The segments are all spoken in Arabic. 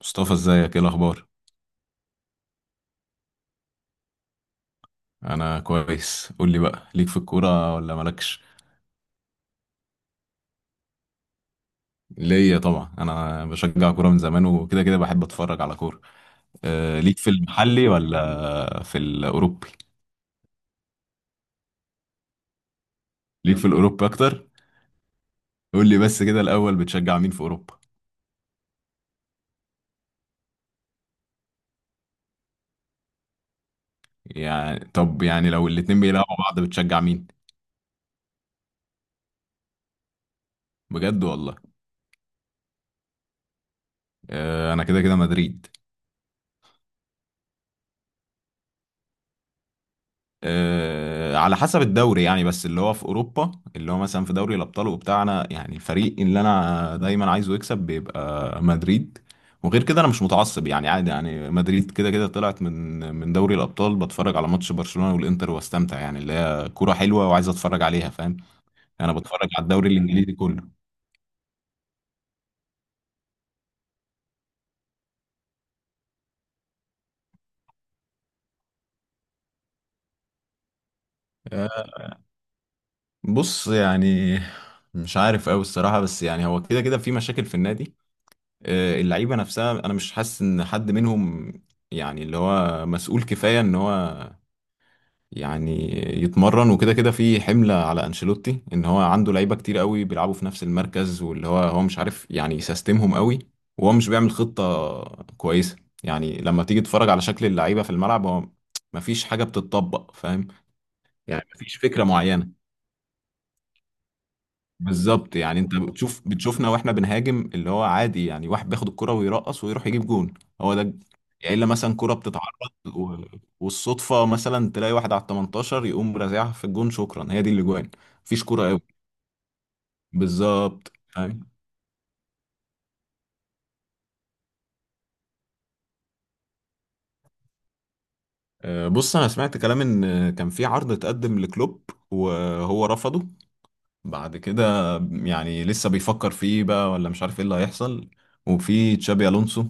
مصطفى، ازيك؟ ايه الاخبار؟ انا كويس. قول لي بقى، ليك في الكوره ولا مالكش؟ ليا طبعا. انا بشجع كوره من زمان، وكده كده بحب اتفرج على كوره. ليك في المحلي ولا في الاوروبي؟ ليك في الاوروبي اكتر. قول لي بس كده الاول، بتشجع مين في اوروبا؟ يعني طب يعني لو الاتنين بيلعبوا بعض بتشجع مين؟ بجد والله؟ انا كده كده مدريد. على حسب الدوري يعني، بس اللي هو في اوروبا، اللي هو مثلا في دوري الابطال وبتاعنا. يعني الفريق اللي انا دايما عايزه يكسب بيبقى مدريد. وغير كده انا مش متعصب يعني، عادي يعني. مدريد كده كده طلعت من دوري الابطال، بتفرج على ماتش برشلونة والانتر واستمتع، يعني اللي هي كوره حلوه وعايز اتفرج عليها. فاهم؟ انا بتفرج على الدوري الانجليزي كله. آه، بص يعني، مش عارف قوي الصراحه، بس يعني هو كده كده في مشاكل في النادي. اللعيبه نفسها انا مش حاسس ان حد منهم، يعني اللي هو مسؤول كفايه ان هو يعني يتمرن. وكده كده في حمله على انشيلوتي ان هو عنده لعيبه كتير قوي بيلعبوا في نفس المركز، واللي هو هو مش عارف يعني يسيستمهم قوي. وهو مش بيعمل خطه كويسه. يعني لما تيجي تتفرج على شكل اللعيبه في الملعب، هو مفيش حاجه بتتطبق. فاهم؟ يعني مفيش فكره معينه. بالظبط. يعني انت بتشوفنا واحنا بنهاجم، اللي هو عادي يعني واحد بياخد الكرة ويرقص ويروح يجيب جون. هو ده يعني. الا مثلا كرة بتتعرض و... والصدفة مثلا تلاقي واحد على ال 18 يقوم رازعها في الجون، شكرا، هي دي الاجوان. مفيش كرة قوي، بالظبط. فاهم؟ بص، انا سمعت كلام ان كان في عرض اتقدم لكلوب وهو رفضه. بعد كده يعني لسه بيفكر فيه بقى ولا مش عارف ايه اللي هيحصل. وفي تشابي الونسو.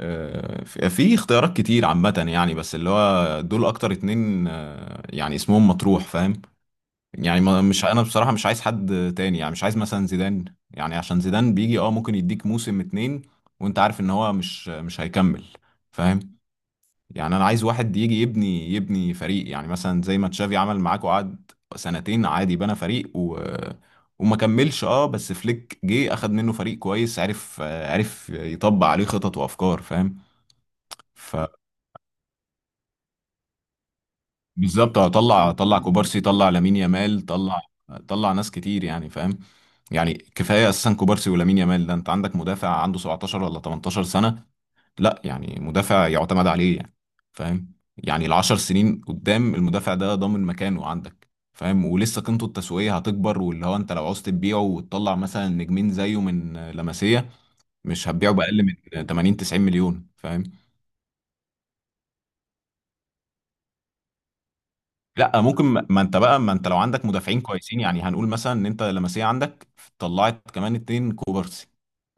في في اختيارات كتير عامة يعني، بس اللي هو دول أكتر اتنين يعني اسمهم مطروح. فاهم؟ يعني مش أنا بصراحة مش عايز حد تاني. يعني مش عايز مثلا زيدان. يعني عشان زيدان بيجي اه ممكن يديك موسم اتنين، وأنت عارف إن هو مش هيكمل. فاهم؟ يعني أنا عايز واحد يجي يبني فريق، يعني مثلا زي ما تشافي عمل معاك وقعد سنتين عادي، بنى فريق وما كملش اه. بس فليك جه اخد منه فريق كويس، عرف عرف يطبق عليه خطط وافكار. فاهم؟ ف بالظبط اه. طلع كوبارسي، طلع لامين يامال، مم، طلع. طلع ناس كتير يعني. فاهم؟ يعني كفايه اساسا كوبارسي ولامين يامال. ده انت عندك مدافع عنده 17 ولا 18 سنه. لا يعني مدافع يعتمد عليه يعني. فاهم؟ يعني العشر سنين قدام المدافع ده ضامن مكانه عندك. فاهم؟ ولسه قيمته التسويقيه هتكبر. واللي هو انت لو عاوز تبيعه وتطلع مثلا نجمين زيه من لمسيه، مش هتبيعه باقل من 80 90 مليون. فاهم؟ لا ممكن. ما انت بقى، ما انت لو عندك مدافعين كويسين، يعني هنقول مثلا ان انت لمسيه عندك طلعت كمان اتنين كوبارسي،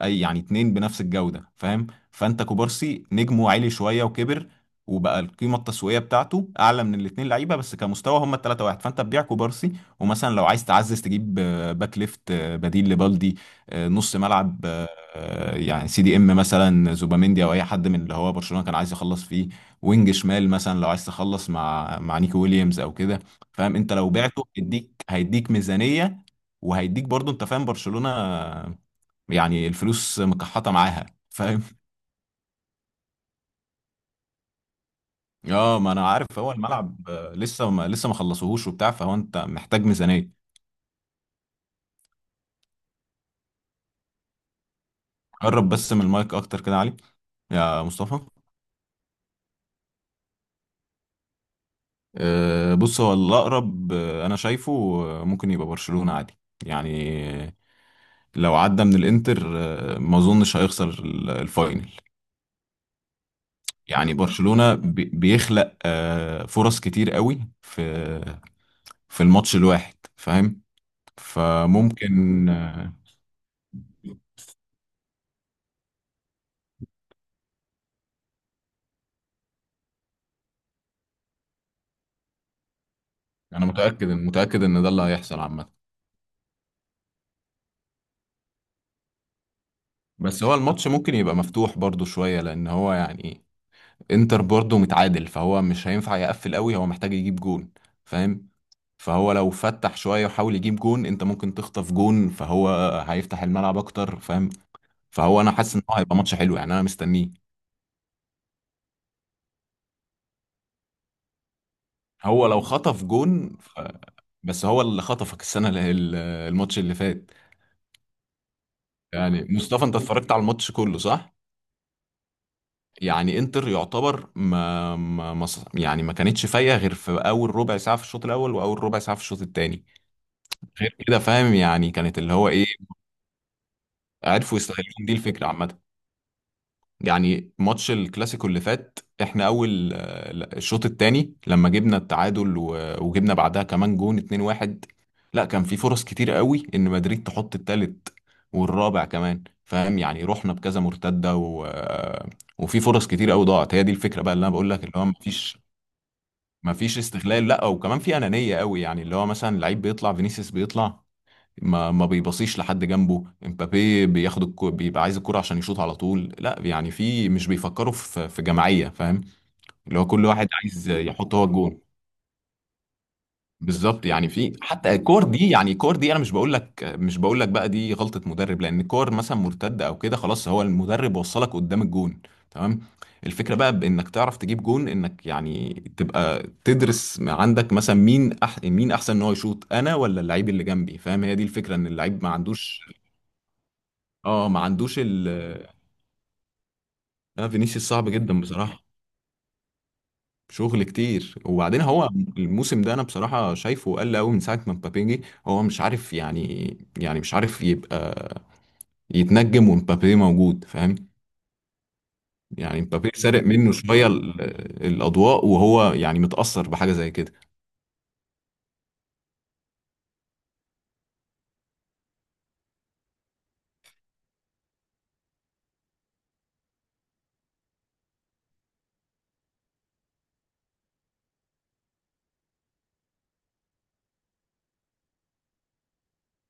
اي يعني اتنين بنفس الجوده. فاهم؟ فانت كوبارسي نجمه عالي شويه وكبر، وبقى القيمه التسويقيه بتاعته اعلى من الاتنين لعيبه، بس كمستوى هم التلاته واحد. فانت تبيع كوبارسي، ومثلا لو عايز تعزز تجيب باك ليفت، بديل لبالدي، نص ملعب، يعني سي دي ام مثلا زوباميندي، او اي حد من اللي هو برشلونه كان عايز يخلص فيه. وينج شمال مثلا لو عايز تخلص مع نيكو ويليامز او كده. فاهم؟ انت لو بعته هيديك ميزانية، وهيديك برضو. انت فاهم برشلونة يعني، الفلوس مكحطة معاها. فاهم؟ اه ما انا عارف. هو الملعب لسه ما خلصوهوش وبتاع، فهو انت محتاج ميزانية. قرب بس من المايك اكتر كده يا علي، يا مصطفى. بص، هو الاقرب انا شايفه ممكن يبقى برشلونة عادي. يعني لو عدى من الانتر ما اظنش هيخسر الفاينل. يعني برشلونة بيخلق فرص كتير قوي في في الماتش الواحد. فاهم؟ فممكن انا متأكد ان ده اللي هيحصل عامة. بس هو الماتش ممكن يبقى مفتوح برضو شوية، لان هو يعني انتر برضو متعادل، فهو مش هينفع يقفل قوي، هو محتاج يجيب جون. فاهم؟ فهو لو فتح شوية وحاول يجيب جون انت ممكن تخطف جون، فهو هيفتح الملعب اكتر. فاهم؟ فهو انا حاسس ان هو هيبقى ماتش حلو يعني. انا مستنيه. هو لو خطف جون بس هو اللي خطفك السنة الماتش اللي فات. يعني مصطفى، انت اتفرجت على الماتش كله صح؟ يعني انتر يعتبر ما, ما... ما ص- يعني ما كانتش فايقة غير في اول ربع ساعة في الشوط الاول، واول ربع ساعة في الشوط الثاني. غير كده فاهم؟ يعني كانت اللي هو ايه، عرفوا يستغلون دي الفكرة عامة. يعني ماتش الكلاسيكو اللي فات، احنا اول لا، الشوط الثاني لما جبنا التعادل وجبنا بعدها كمان جون 2-1، لا كان في فرص كتير قوي ان مدريد تحط الثالث والرابع كمان. فاهم؟ يعني رحنا بكذا مرتدة و... آه، وفي فرص كتير قوي ضاعت. هي دي الفكرة بقى اللي انا بقول لك، اللي هو مفيش مفيش استغلال. لا وكمان في انانية قوي، يعني اللي هو مثلا لعيب بيطلع فينيسيوس بيطلع ما بيبصيش لحد جنبه. امبابي بياخد بيبقى عايز الكرة عشان يشوط على طول. لا يعني في مش بيفكروا في جماعية. فاهم؟ اللي هو كل واحد عايز يحط هو الجون. بالظبط. يعني في حتى الكور دي، يعني الكور دي انا مش بقول لك، مش بقول لك بقى دي غلطة مدرب، لان الكور مثلا مرتدة او كده، خلاص هو المدرب وصلك قدام الجون، تمام. الفكرة بقى بانك تعرف تجيب جون، انك يعني تبقى تدرس عندك مثلا مين مين احسن ان هو يشوط، انا ولا اللعيب اللي جنبي. فاهم؟ هي دي الفكرة، ان اللعيب ما عندوش اه، ما عندوش انا فينيسيوس صعب جدا بصراحه. شغل كتير. وبعدين هو الموسم ده انا بصراحه شايفه قل قوي من ساعه ما مبابي جه. هو مش عارف يعني، يعني مش عارف يبقى يتنجم ومبابي موجود. فاهم؟ يعني مبابي سارق منه شويه الاضواء، وهو يعني متاثر بحاجه زي كده.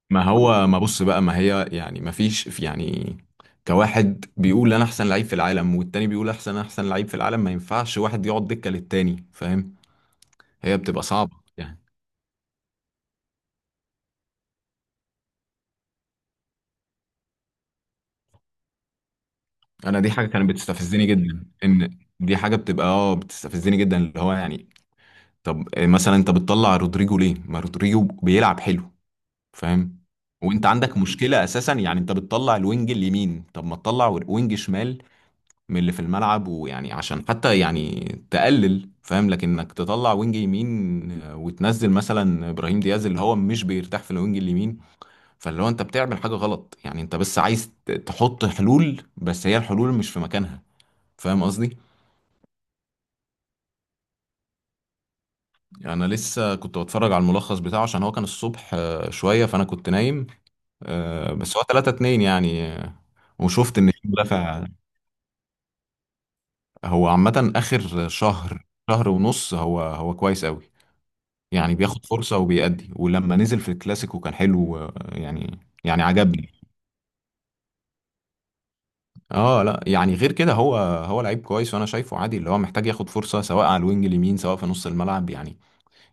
ما بص بقى، ما هي يعني ما فيش يعني كواحد بيقول انا احسن لعيب في العالم، والتاني بيقول احسن لعيب في العالم، ما ينفعش واحد يقعد دكه للتاني. فاهم؟ هي بتبقى صعبه يعني. انا دي حاجه كانت بتستفزني جدا، ان دي حاجه بتبقى اه بتستفزني جدا، اللي هو يعني طب مثلا انت بتطلع رودريجو ليه؟ ما رودريجو بيلعب حلو. فاهم؟ وانت عندك مشكله اساسا يعني، انت بتطلع الوينج اليمين، طب ما تطلع وينج شمال من اللي في الملعب. ويعني عشان حتى يعني تقلل. فاهم؟ لكن انك تطلع وينج يمين وتنزل مثلا ابراهيم دياز اللي هو مش بيرتاح في الوينج اليمين، فاللي هو انت بتعمل حاجه غلط. يعني انت بس عايز تحط حلول، بس هي الحلول مش في مكانها. فاهم قصدي؟ يعني انا لسه كنت بتفرج على الملخص بتاعه، عشان هو كان الصبح شويه فانا كنت نايم. بس هو 3-2 يعني. وشفت ان في مدافع. هو عامه اخر شهر، شهر ونص، هو هو كويس قوي. يعني بياخد فرصه وبيأدي. ولما نزل في الكلاسيكو كان حلو يعني يعني عجبني. اه لا يعني غير كده هو هو لعيب كويس، وانا شايفه عادي اللي هو محتاج ياخد فرصه سواء على الوينج اليمين، سواء في نص الملعب يعني.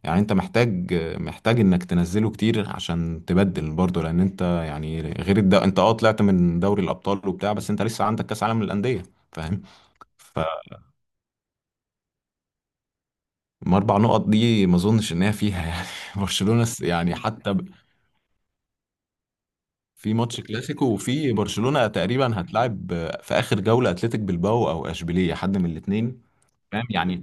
يعني انت محتاج، محتاج انك تنزله كتير عشان تبدل برضه، لان انت يعني غير انت اه طلعت من دوري الابطال وبتاع، بس انت لسه عندك كاس عالم للانديه. فاهم؟ فما 4 نقط دي ما اظنش ان هي فيها يعني. يعني حتى في ماتش كلاسيكو، وفي برشلونه تقريبا هتلاعب في اخر جوله اتلتيك بالباو او اشبيليه، حد من الاثنين. فاهم؟ يعني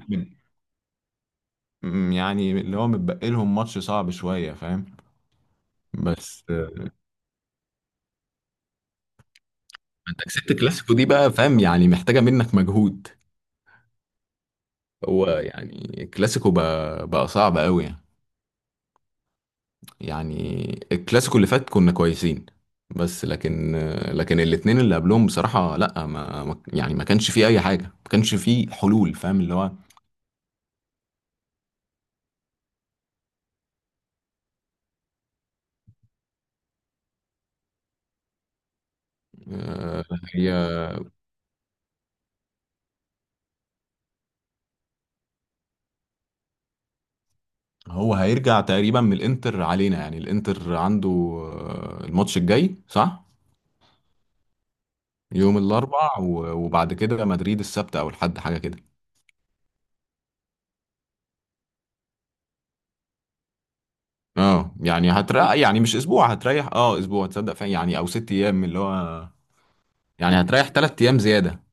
يعني اللي هو متبقي لهم ماتش صعب شويه. فاهم؟ بس انت كسبت الكلاسيكو دي بقى. فاهم؟ يعني محتاجه منك مجهود. هو يعني الكلاسيكو بقى صعب قوي يعني. يعني الكلاسيكو اللي فات كنا كويسين، بس لكن، لكن الاتنين اللي قبلهم بصراحة لا، يعني ما كانش فيه اي حاجة، ما كانش فيه حلول. فاهم؟ اللي هو آه، هي هو هيرجع تقريبا من الانتر علينا. يعني الانتر عنده الماتش الجاي صح. يوم الاربع وبعد كده مدريد السبت او الحد، حاجة كده. اه يعني هتريح يعني، مش اسبوع هتريح اه، اسبوع تصدق فعلا يعني، او 6 ايام اللي هو. يعني هتريح 3 ايام زياده.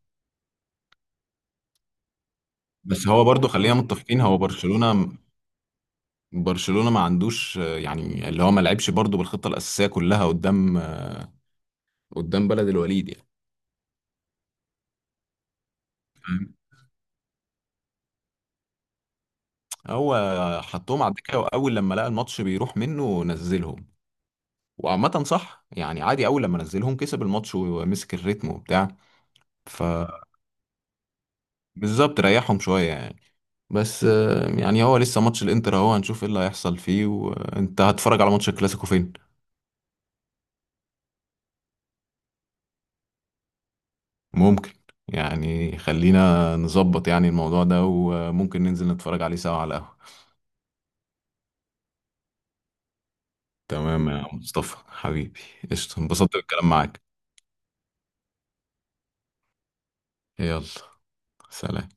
بس هو برضو خلينا متفقين، هو برشلونه، برشلونه ما عندوش يعني اللي هو ما لعبش برضو بالخطه الاساسيه كلها قدام قدام بلد الوليد يعني. فاهم؟ هو حطهم على الدكه، واول لما لقى الماتش بيروح منه نزلهم. وعامة صح يعني، عادي، اول لما نزلهم كسب الماتش ومسك الريتم وبتاع. فبالظبط، ريحهم شويه يعني. بس يعني هو لسه ماتش الانتر اهو، هنشوف ايه اللي هيحصل فيه. وانت هتتفرج على ماتش الكلاسيكو فين؟ ممكن. يعني خلينا نظبط يعني الموضوع ده، وممكن ننزل نتفرج عليه سوا على القهوة. تمام يا مصطفى حبيبي. قشطة، انبسطت بالكلام معاك. يلا، سلام.